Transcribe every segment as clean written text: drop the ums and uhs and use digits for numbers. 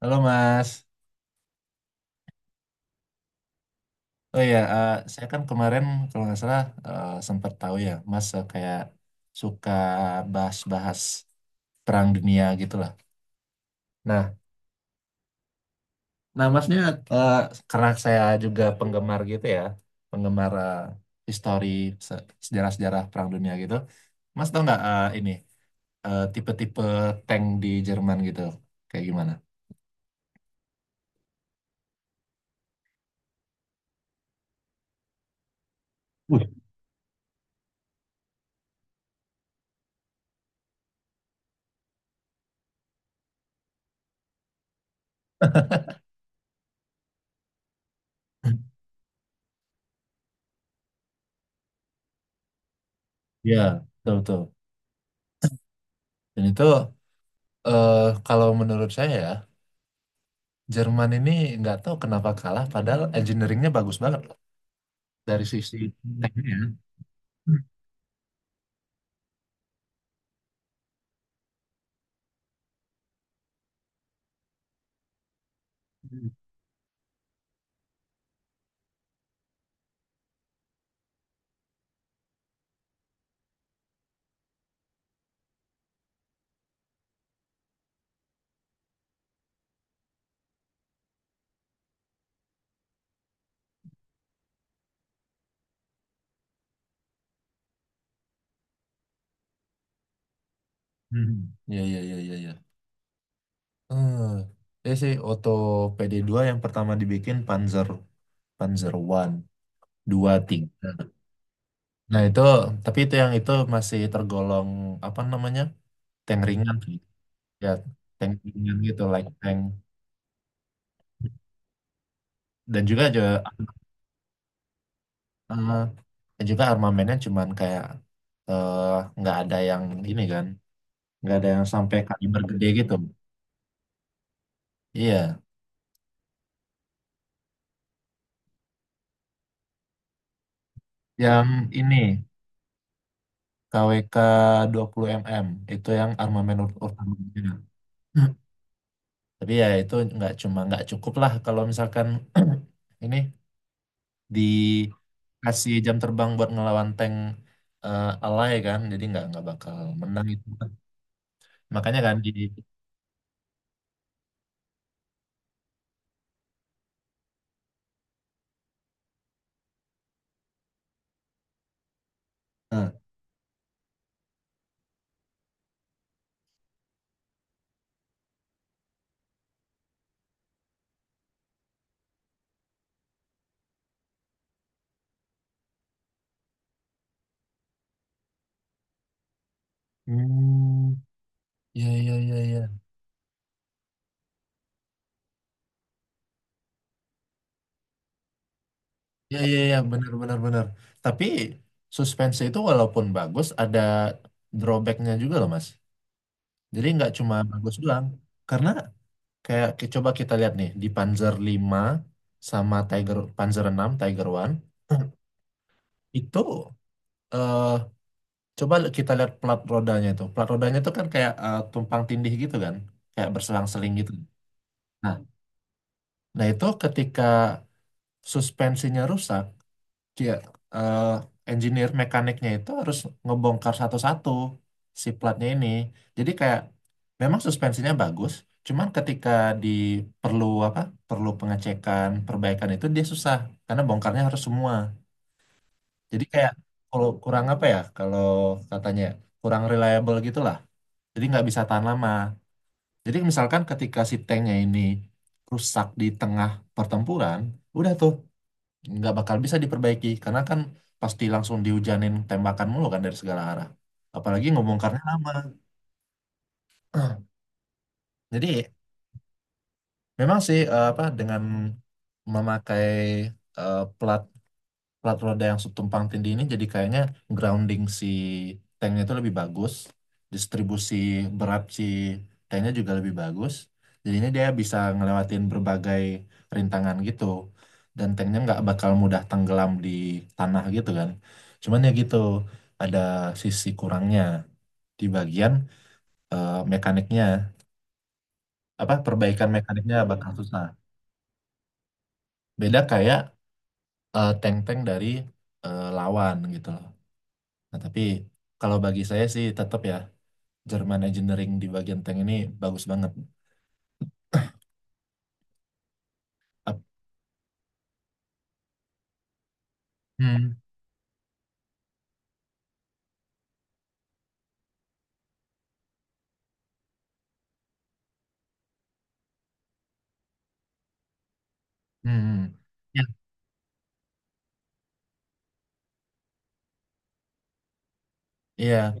Halo Mas, oh ya, saya kan kemarin kalau nggak salah sempat tahu ya, Mas kayak suka bahas-bahas perang dunia gitulah. Nah, nah, Masnya eh, karena saya juga penggemar gitu ya, penggemar histori sejarah-sejarah perang dunia gitu. Mas tahu nggak ini tipe-tipe tank di Jerman gitu, kayak gimana? Wih. Ya, betul betul. Dan itu eh, kalau menurut saya ya, Jerman ini nggak tahu kenapa kalah, padahal engineeringnya bagus banget loh dari sisi teknik ya. Hmm. Hmm. Iya, iya, iya, iya, iya. Hmm. Ini sih Otto PD2 yang pertama dibikin Panzer Panzer One, dua, tiga. Nah itu, tapi itu yang itu masih tergolong apa namanya tank ringan sih, ya tank ringan gitu, like tank. Dan juga juga, eh, dan juga armamennya cuman kayak eh, nggak ada yang ini kan. Nggak ada yang sampai kaliber gede gitu. Iya, yang ini KWK puluh mm itu yang armamen utama. Tapi ya itu nggak cuma nggak cukup lah kalau misalkan ini dikasih jam terbang buat ngelawan tank alay kan, jadi nggak bakal menang itu. Makanya kan di. Eh. Hmm, ya ya ya ya. Ya ya ya, benar benar benar. Tapi suspense itu walaupun bagus ada drawbacknya juga loh, Mas. Jadi nggak cuma bagus doang. Karena kayak coba kita lihat nih di Panzer lima sama Tiger, Panzer enam Tiger one, itu eh coba kita lihat plat rodanya itu. Plat rodanya itu kan kayak tumpang tindih gitu kan, kayak berselang-seling gitu. Nah, nah, itu ketika suspensinya rusak, iya, eh, engineer mekaniknya itu harus ngebongkar satu-satu si platnya ini. Jadi kayak memang suspensinya bagus, cuman ketika di perlu apa? Perlu pengecekan, perbaikan itu dia susah karena bongkarnya harus semua. Jadi kayak kalau kurang apa ya? Kalau katanya kurang reliable gitulah. Jadi nggak bisa tahan lama. Jadi misalkan ketika si tanknya ini rusak di tengah pertempuran, udah tuh nggak bakal bisa diperbaiki karena kan pasti langsung dihujanin tembakan mulu kan dari segala arah, apalagi ngebongkarnya lama. Jadi memang sih, apa, dengan memakai plat plat roda yang subtumpang tindih ini jadi kayaknya grounding si tanknya itu lebih bagus, distribusi berat si tanknya juga lebih bagus, jadinya dia bisa ngelewatin berbagai rintangan gitu, dan tanknya nggak bakal mudah tenggelam di tanah gitu kan. Cuman ya gitu, ada sisi kurangnya di bagian mekaniknya, apa perbaikan mekaniknya bakal susah. Beda kayak tank-tank dari lawan gitu. Nah, tapi kalau bagi saya sih tetap ya, German Engineering di bagian tank ini bagus banget. Ap- Hmm. Hmm. Ya. Iya,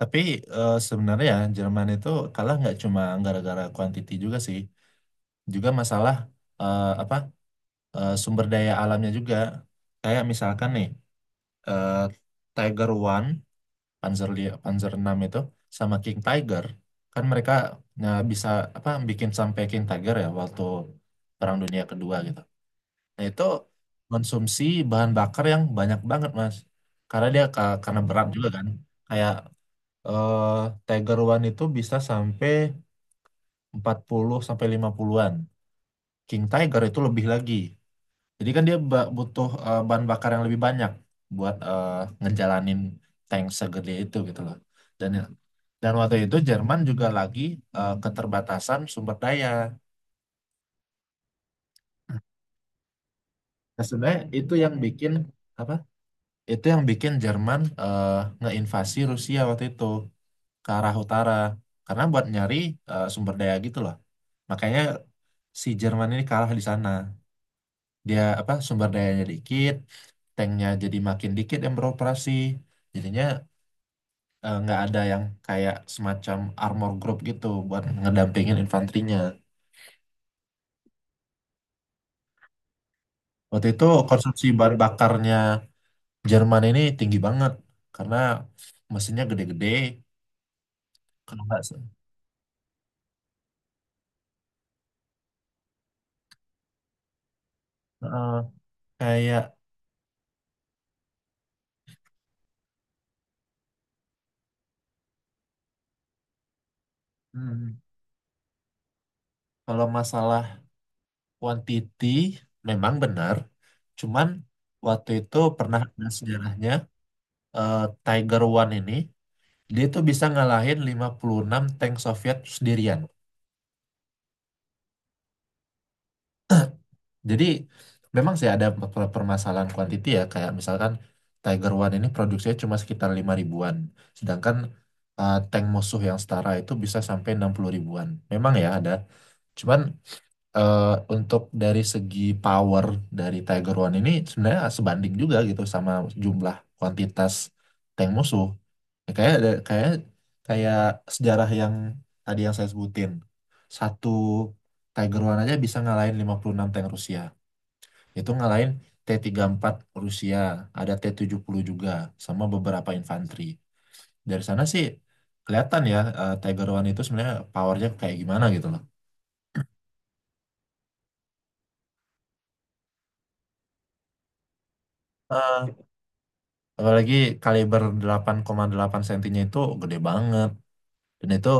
tapi sebenarnya ya Jerman itu kalah nggak cuma gara-gara quantity juga sih, juga masalah apa sumber daya alamnya juga. Kayak misalkan nih eh, Tiger One, Panzer Panzer enam itu sama King Tiger, kan mereka nah, bisa apa bikin sampai King Tiger ya waktu Perang Dunia Kedua gitu. Nah, itu konsumsi bahan bakar yang banyak banget, Mas. Karena dia karena berat juga kan. Kayak eh, Tiger One itu bisa sampai 40 sampai 50-an. King Tiger itu lebih lagi. Jadi kan dia butuh bahan bakar yang lebih banyak buat ngejalanin tank segede itu gitu loh. Dan dan waktu itu Jerman juga lagi keterbatasan sumber daya. Nah, sebenarnya itu yang bikin apa, itu yang bikin Jerman ngeinvasi Rusia waktu itu ke arah utara karena buat nyari sumber daya gitu loh. Makanya si Jerman ini kalah di sana, dia apa sumber dayanya dikit, tanknya jadi makin dikit yang beroperasi, jadinya nggak ada yang kayak semacam armor group gitu buat ngedampingin infanterinya. Waktu itu konsumsi bahan bakarnya Jerman ini tinggi banget karena mesinnya gede-gede, kalau nggak eh, kayak. Hmm, kalau masalah quantity memang benar, cuman waktu itu pernah ada sejarahnya, eh, Tiger One ini dia tuh bisa ngalahin 56 tank Soviet sendirian. Jadi memang sih ada permasalahan quantity ya, kayak misalkan Tiger One ini produksinya cuma sekitar 5 ribuan, sedangkan tank musuh yang setara itu bisa sampai 60 ribuan. Memang ya ada. Cuman eh, untuk dari segi power dari Tiger One ini sebenarnya sebanding juga gitu sama jumlah kuantitas tank musuh. Ya, kayak kayak kayak sejarah yang tadi yang saya sebutin. Satu Tiger One aja bisa ngalahin 56 tank Rusia. Itu ngalahin T-34 Rusia, ada T-70 juga sama beberapa infanteri. Dari sana sih kelihatan ya, Tiger One itu sebenarnya powernya kayak gimana gitu loh. Apalagi kaliber 8,8 sentinya itu gede banget. Dan itu,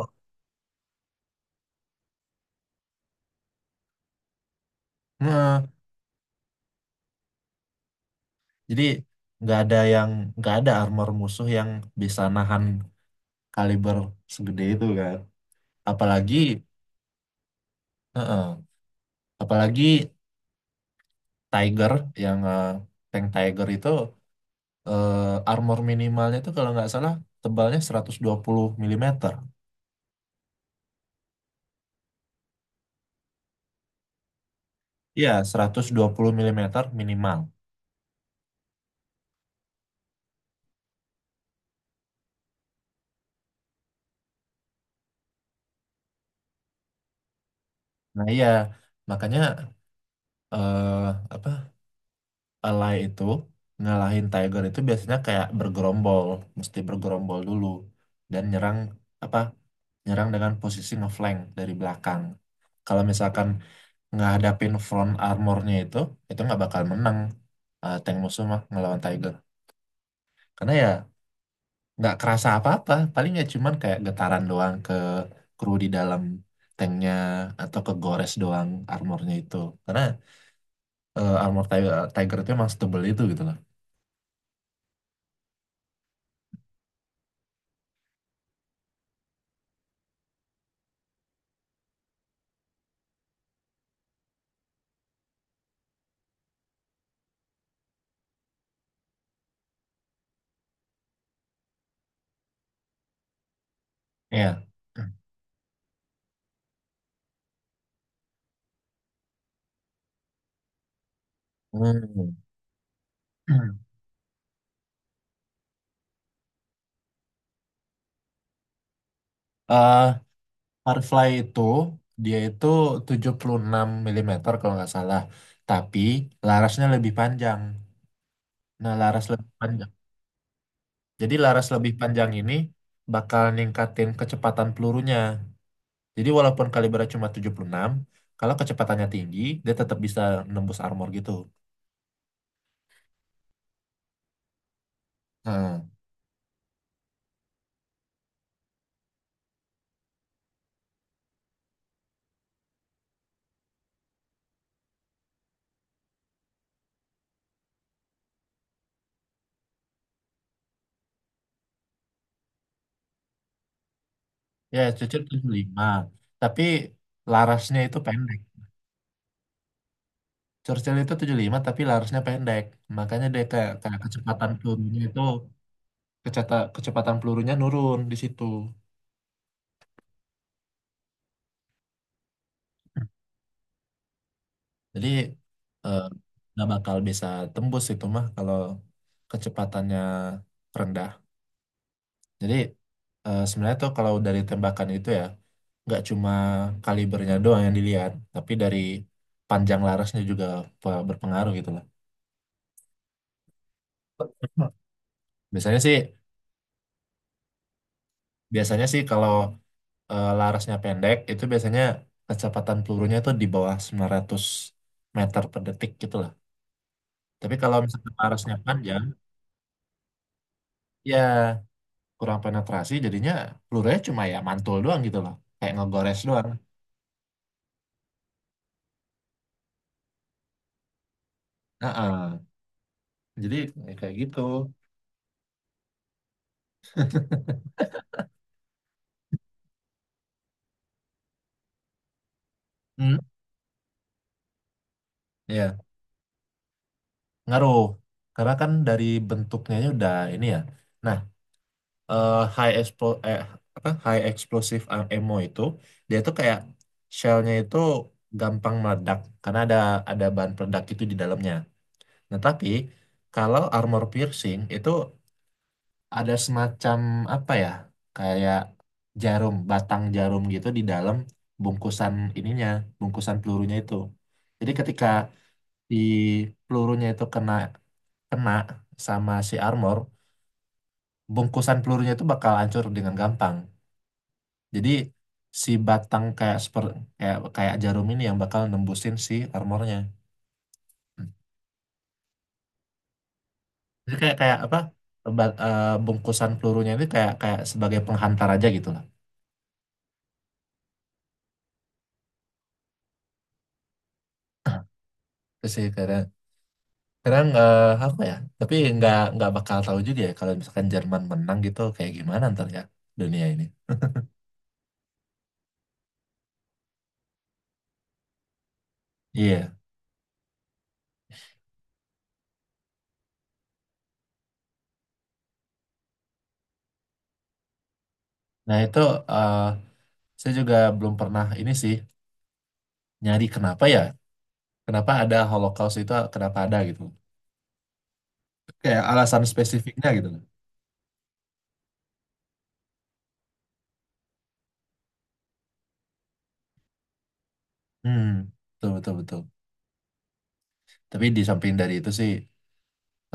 nah, jadi nggak ada yang, nggak ada armor musuh yang bisa nahan kaliber segede itu kan. Apalagi, heeh, apalagi Tiger yang tank Tiger itu eh, armor minimalnya itu kalau nggak salah tebalnya 120 mm. Iya, 120 mm minimal. Nah iya, makanya eh, apa, Alay itu ngalahin Tiger itu biasanya kayak bergerombol, mesti bergerombol dulu dan nyerang apa? Nyerang dengan posisi ngeflank dari belakang. Kalau misalkan ngadapin front armornya itu nggak bakal menang, tank musuh mah ngelawan Tiger. Karena ya nggak kerasa apa-apa, paling ya cuman kayak getaran doang ke kru di dalam tanknya atau ke gores doang armornya itu. Karena armor Tiger, itu emang setebel itu gitu loh. Iya. Hmm. Eh, Firefly itu dia itu 76 mm kalau nggak salah. Tapi larasnya lebih panjang. Nah, laras lebih panjang. Jadi laras lebih panjang ini bakal ningkatin kecepatan pelurunya. Jadi walaupun kalibernya cuma 76, kalau kecepatannya tinggi, dia tetap bisa nembus armor gitu. Nah, ya, cocok 75. Tapi larasnya itu pendek. Churchill itu 75 tapi larasnya pendek. Makanya dia kayak, kecepatan pelurunya itu kecepatan pelurunya nurun di situ. Jadi eh, nggak bakal bisa tembus itu mah kalau kecepatannya rendah. Jadi sebenarnya tuh kalau dari tembakan itu ya nggak cuma kalibernya doang yang dilihat, tapi dari panjang larasnya juga berpengaruh gitu lah. Biasanya sih biasanya sih kalau larasnya pendek itu biasanya kecepatan pelurunya tuh di bawah 900 meter per detik gitu lah. Tapi kalau misalnya larasnya panjang, ya kurang penetrasi jadinya pelurunya cuma ya mantul doang gitu loh. Kayak ngegores doang. Heeh. Jadi ya kayak gitu. Hmm, ya ngaruh. Karena kan dari bentuknya aja udah ini ya. Nah, eh, high expo eh, apa high explosive ammo itu dia tuh kayak shellnya itu gampang meledak karena ada bahan peledak itu di dalamnya. Nah tapi kalau armor piercing itu ada semacam apa ya, kayak jarum batang jarum gitu di dalam bungkusan ininya bungkusan pelurunya itu. Jadi ketika di pelurunya itu kena kena sama si armor, bungkusan pelurunya itu bakal hancur dengan gampang. Jadi si batang kayak kayak kayak jarum ini yang bakal nembusin si armornya. Hmm. Jadi kayak kayak apa? Bungkusan pelurunya ini kayak kayak sebagai penghantar aja gitu lah. Terus sih kadang kadang apa ya? Tapi nggak bakal tahu juga ya kalau misalkan Jerman menang gitu kayak gimana ntar ya dunia ini. Iya. Nah itu eh, saya juga belum pernah ini sih nyari kenapa ya? Kenapa ada Holocaust itu, kenapa ada gitu? Kayak alasan spesifiknya gitu. Hmm, betul betul betul. Tapi di samping dari itu sih,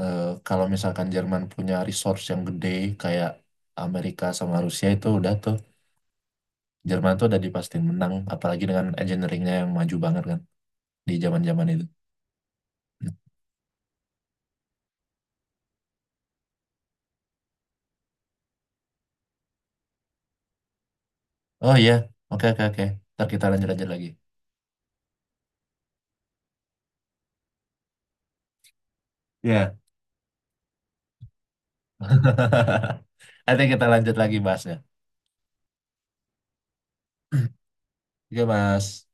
eh, kalau misalkan Jerman punya resource yang gede kayak Amerika sama Rusia itu udah tuh, Jerman tuh udah dipastikan menang, apalagi dengan engineeringnya yang maju banget kan di zaman-zaman itu. Oh iya, oke oke oke. Ntar kita lanjut-lanjut lagi. Iya. Nanti kita lanjut lagi bahasnya. Oke Mas.